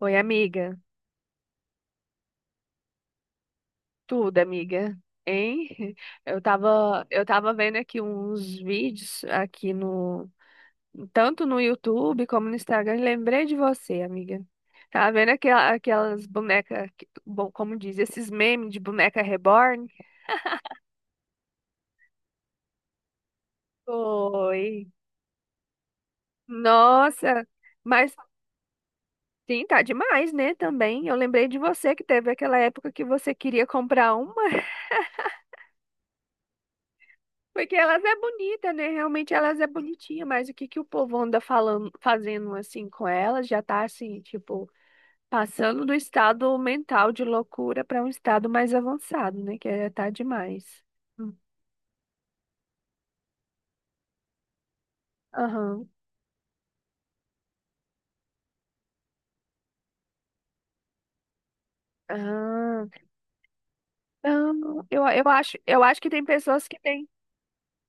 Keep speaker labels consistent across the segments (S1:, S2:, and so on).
S1: Oi, amiga. Tudo, amiga. Hein? Eu tava vendo aqui uns vídeos aqui no, tanto no YouTube como no Instagram, e lembrei de você, amiga. Tava vendo aquelas bonecas, bom, como diz, esses memes de boneca reborn? Oi. Nossa, mas sim, tá demais, né, também. Eu lembrei de você que teve aquela época que você queria comprar uma. Porque elas é bonita, né? Realmente elas é bonitinha, mas o que que o povo anda falando, fazendo assim com elas já tá assim, tipo, passando do estado mental de loucura para um estado mais avançado, né? Que é tá demais. Hum. Aham. Ah, não, eu acho que tem pessoas que tem.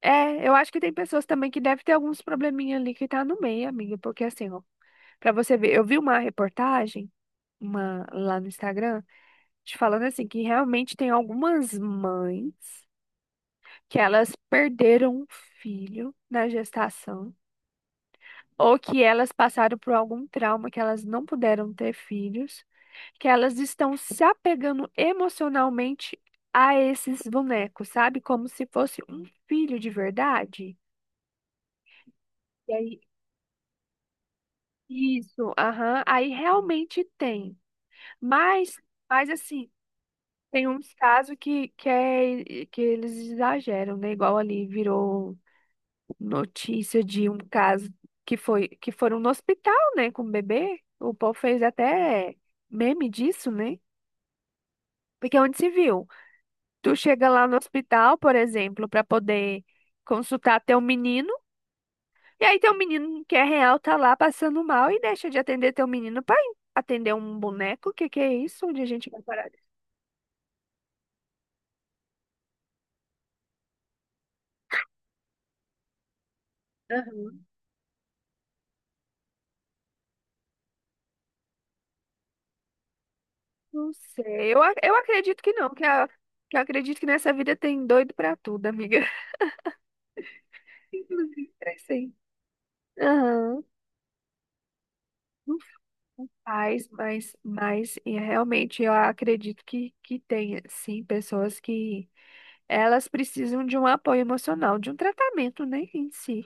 S1: É, eu acho que tem pessoas também que devem ter alguns probleminha ali que tá no meio, amiga, porque assim, ó, para você ver, eu vi uma reportagem, uma lá no Instagram te falando assim, que realmente tem algumas mães que elas perderam um filho na gestação, ou que elas passaram por algum trauma que elas não puderam ter filhos, que elas estão se apegando emocionalmente a esses bonecos, sabe? Como se fosse um filho de verdade. E aí, isso, aham, aí realmente tem. Mas, mas assim, tem uns casos que eles exageram, né? Igual ali virou notícia de um caso que foram no hospital, né, com o bebê. O povo fez até meme disso, né? Porque é onde se viu. Tu chega lá no hospital, por exemplo, para poder consultar teu menino, e aí teu menino que é real tá lá passando mal e deixa de atender teu menino para atender um boneco. O que que é isso? Onde a gente vai parar? Aham. Não sei. Eu acredito que não, que, a, que eu acredito que nessa vida tem doido pra tudo, amiga. Inclusive, crescei. Aham. Mas e realmente eu acredito que tem, sim, pessoas que elas precisam de um apoio emocional, de um tratamento, né, em si.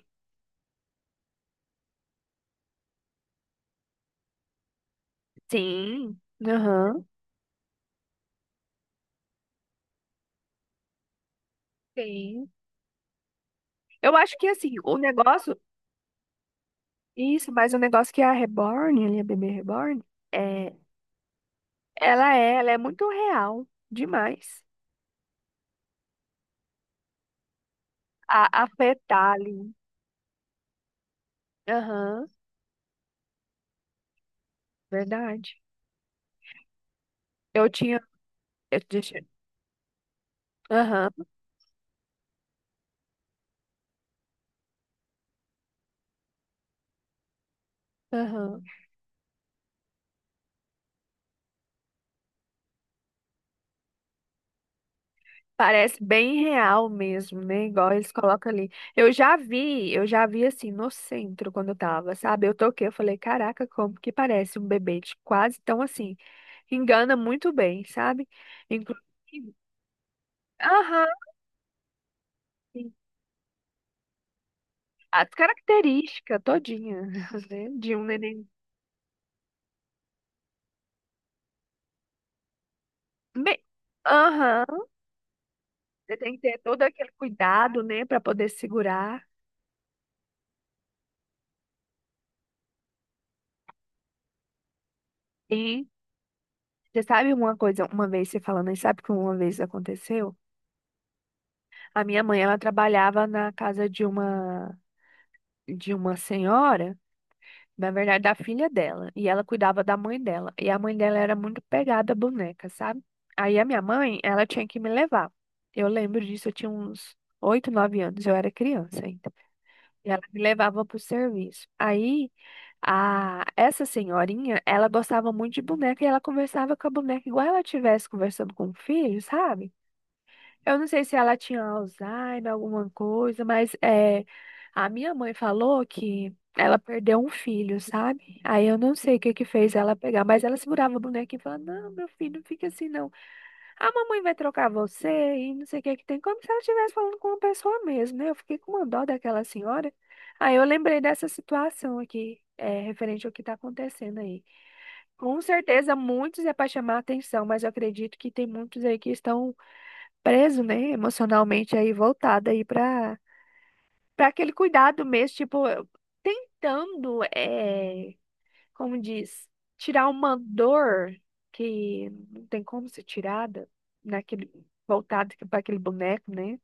S1: Sim, aham, sim. Eu acho que, assim, o negócio, isso, mas o negócio que a Reborn, ali, a bebê Reborn, é, ela é muito real, demais. A fetal, aham, verdade. Eu tinha, deixa, aham, aham. Parece bem real mesmo, né? Igual eles colocam ali. Eu já vi assim no centro quando eu tava, sabe? Eu toquei, eu falei, caraca, como que parece um bebê de quase tão assim. Engana muito bem, sabe? Inclusive, aham, sim. As características todinha, né? De um neném. Bem, aham, você tem que ter todo aquele cuidado, né? Pra poder segurar. E você sabe uma coisa, uma vez você falando, e sabe que uma vez aconteceu? A minha mãe, ela trabalhava na casa de uma senhora, na verdade, da filha dela, e ela cuidava da mãe dela. E a mãe dela era muito pegada à boneca, sabe? Aí a minha mãe, ela tinha que me levar. Eu lembro disso, eu tinha uns 8, 9 anos, eu era criança ainda. E ela me levava pro serviço. Aí a essa senhorinha, ela gostava muito de boneca e ela conversava com a boneca igual ela estivesse conversando com o filho, sabe? Eu não sei se ela tinha Alzheimer, alguma coisa, mas a minha mãe falou que ela perdeu um filho, sabe? Aí eu não sei o que que fez ela pegar, mas ela segurava a boneca e falava, não, meu filho, não fica assim não. A mamãe vai trocar você e não sei o que que tem, como se ela estivesse falando com uma pessoa mesmo, né? Eu fiquei com uma dó daquela senhora. Aí eu lembrei dessa situação aqui, referente ao que está acontecendo aí. Com certeza muitos é para chamar a atenção, mas eu acredito que tem muitos aí que estão preso, né, emocionalmente aí voltado aí para aquele cuidado mesmo, tipo, tentando, como diz, tirar uma dor que não tem como ser tirada naquele voltado para aquele boneco, né?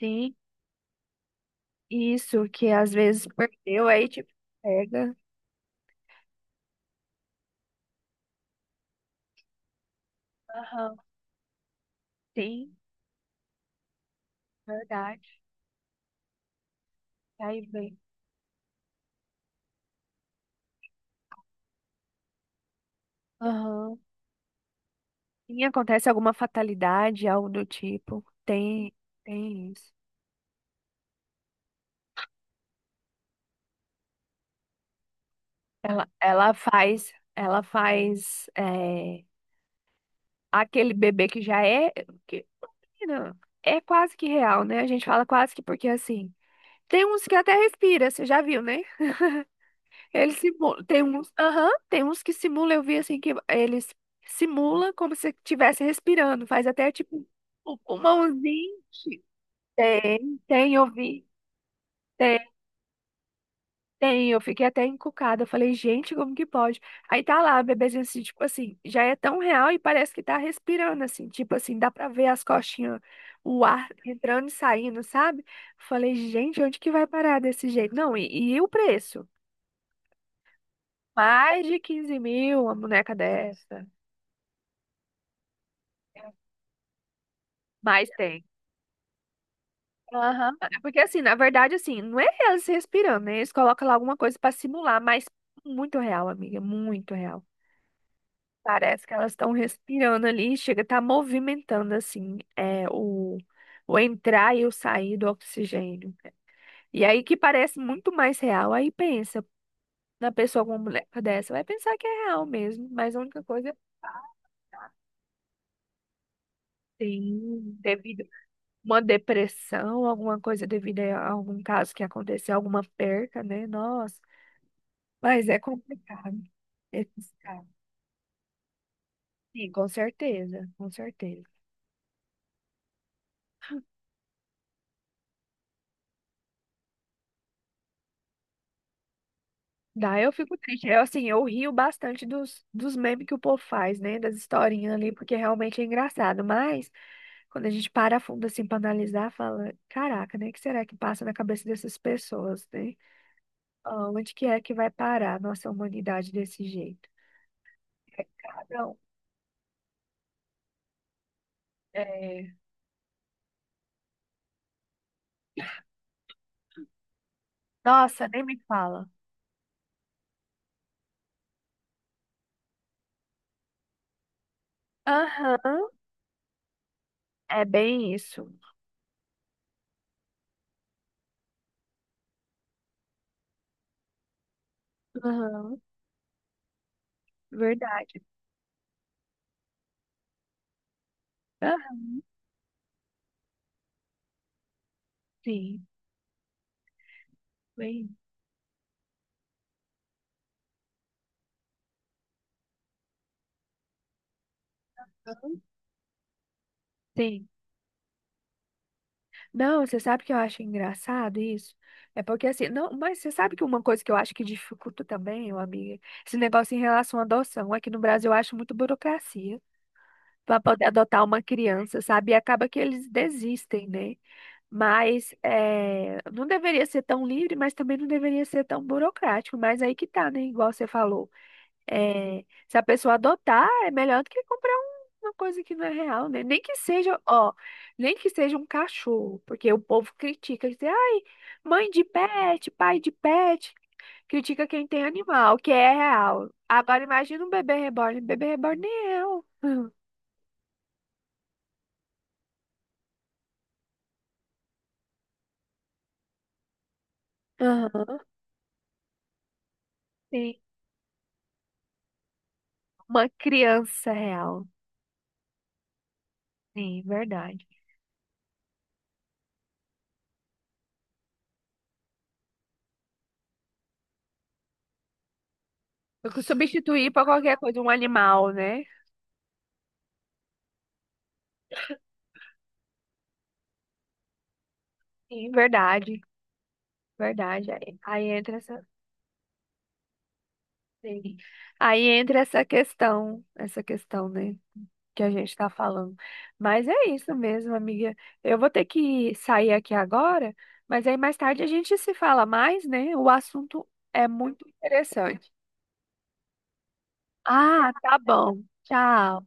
S1: Sim, isso que às vezes perdeu aí tipo pega. Aham. Sim, verdade. Aí vem. Aham. E acontece alguma fatalidade, algo do tipo. Tem isso. Ela faz é aquele bebê que já é, que, não, é quase que real, né? A gente fala quase que porque assim, tem uns que até respira, você já viu, né? Eles simulam, tem uns, aham, tem uns que simulam eu vi assim que eles simulam como se estivesse respirando, faz até tipo o pulmãozinho. Tem, eu vi. Tem, eu fiquei até encucada. Eu falei, gente, como que pode? Aí tá lá, a bebezinha assim, tipo assim, já é tão real e parece que tá respirando, assim, tipo assim, dá pra ver as costinhas, o ar entrando e saindo, sabe? Falei, gente, onde que vai parar desse jeito? Não, e o preço? Mais de 15 mil uma boneca dessa. Mas tem. Aham. Porque assim, na verdade, assim, não é eles respirando, né? Eles colocam lá alguma coisa pra simular, mas muito real, amiga, muito real. Parece que elas estão respirando ali, chega, tá movimentando assim, o entrar e o sair do oxigênio. E aí que parece muito mais real, aí pensa, na pessoa com uma mulher dessa, vai pensar que é real mesmo, mas a única coisa tem devido a uma depressão, alguma coisa devido a algum caso que aconteceu, alguma perca, né? Nossa, mas é complicado esses casos. Sim, com certeza, com certeza. Daí eu fico triste. Eu, assim, eu rio bastante dos memes que o povo faz, né? Das historinhas ali, porque realmente é engraçado. Mas, quando a gente para a fundo, assim, pra analisar, fala: caraca, né? O que será que passa na cabeça dessas pessoas, né? Ah, onde que é que vai parar a nossa humanidade desse jeito? É, cada um. É. Nossa, nem me fala. Aham, é bem isso. Aham, verdade. Aham, sim, bem. Aham. Sim. Não, você sabe que eu acho engraçado isso? É porque assim, não, mas você sabe que uma coisa que eu acho que dificulta também, ô amiga, esse negócio em relação à adoção, aqui no Brasil eu acho muito burocracia para poder adotar uma criança, sabe? E acaba que eles desistem, né? Mas é, não deveria ser tão livre, mas também não deveria ser tão burocrático, mas aí que tá, né? Igual você falou. É, se a pessoa adotar, é melhor do que comprar uma coisa que não é real, né? Nem que seja, ó, nem que seja um cachorro, porque o povo critica, diz, ai, mãe de pet, pai de pet, critica quem tem animal, que é real. Agora imagina um bebê reborn nem é real. Aham, sim. Uma criança real. Sim, verdade. Porque substituir para qualquer coisa um animal, né? Sim, verdade. Verdade. Aí entra essa. Sim. Aí entra essa questão, né, que a gente está falando. Mas é isso mesmo, amiga. Eu vou ter que sair aqui agora, mas aí mais tarde a gente se fala mais, né? O assunto é muito interessante. Ah, tá bom. Tchau.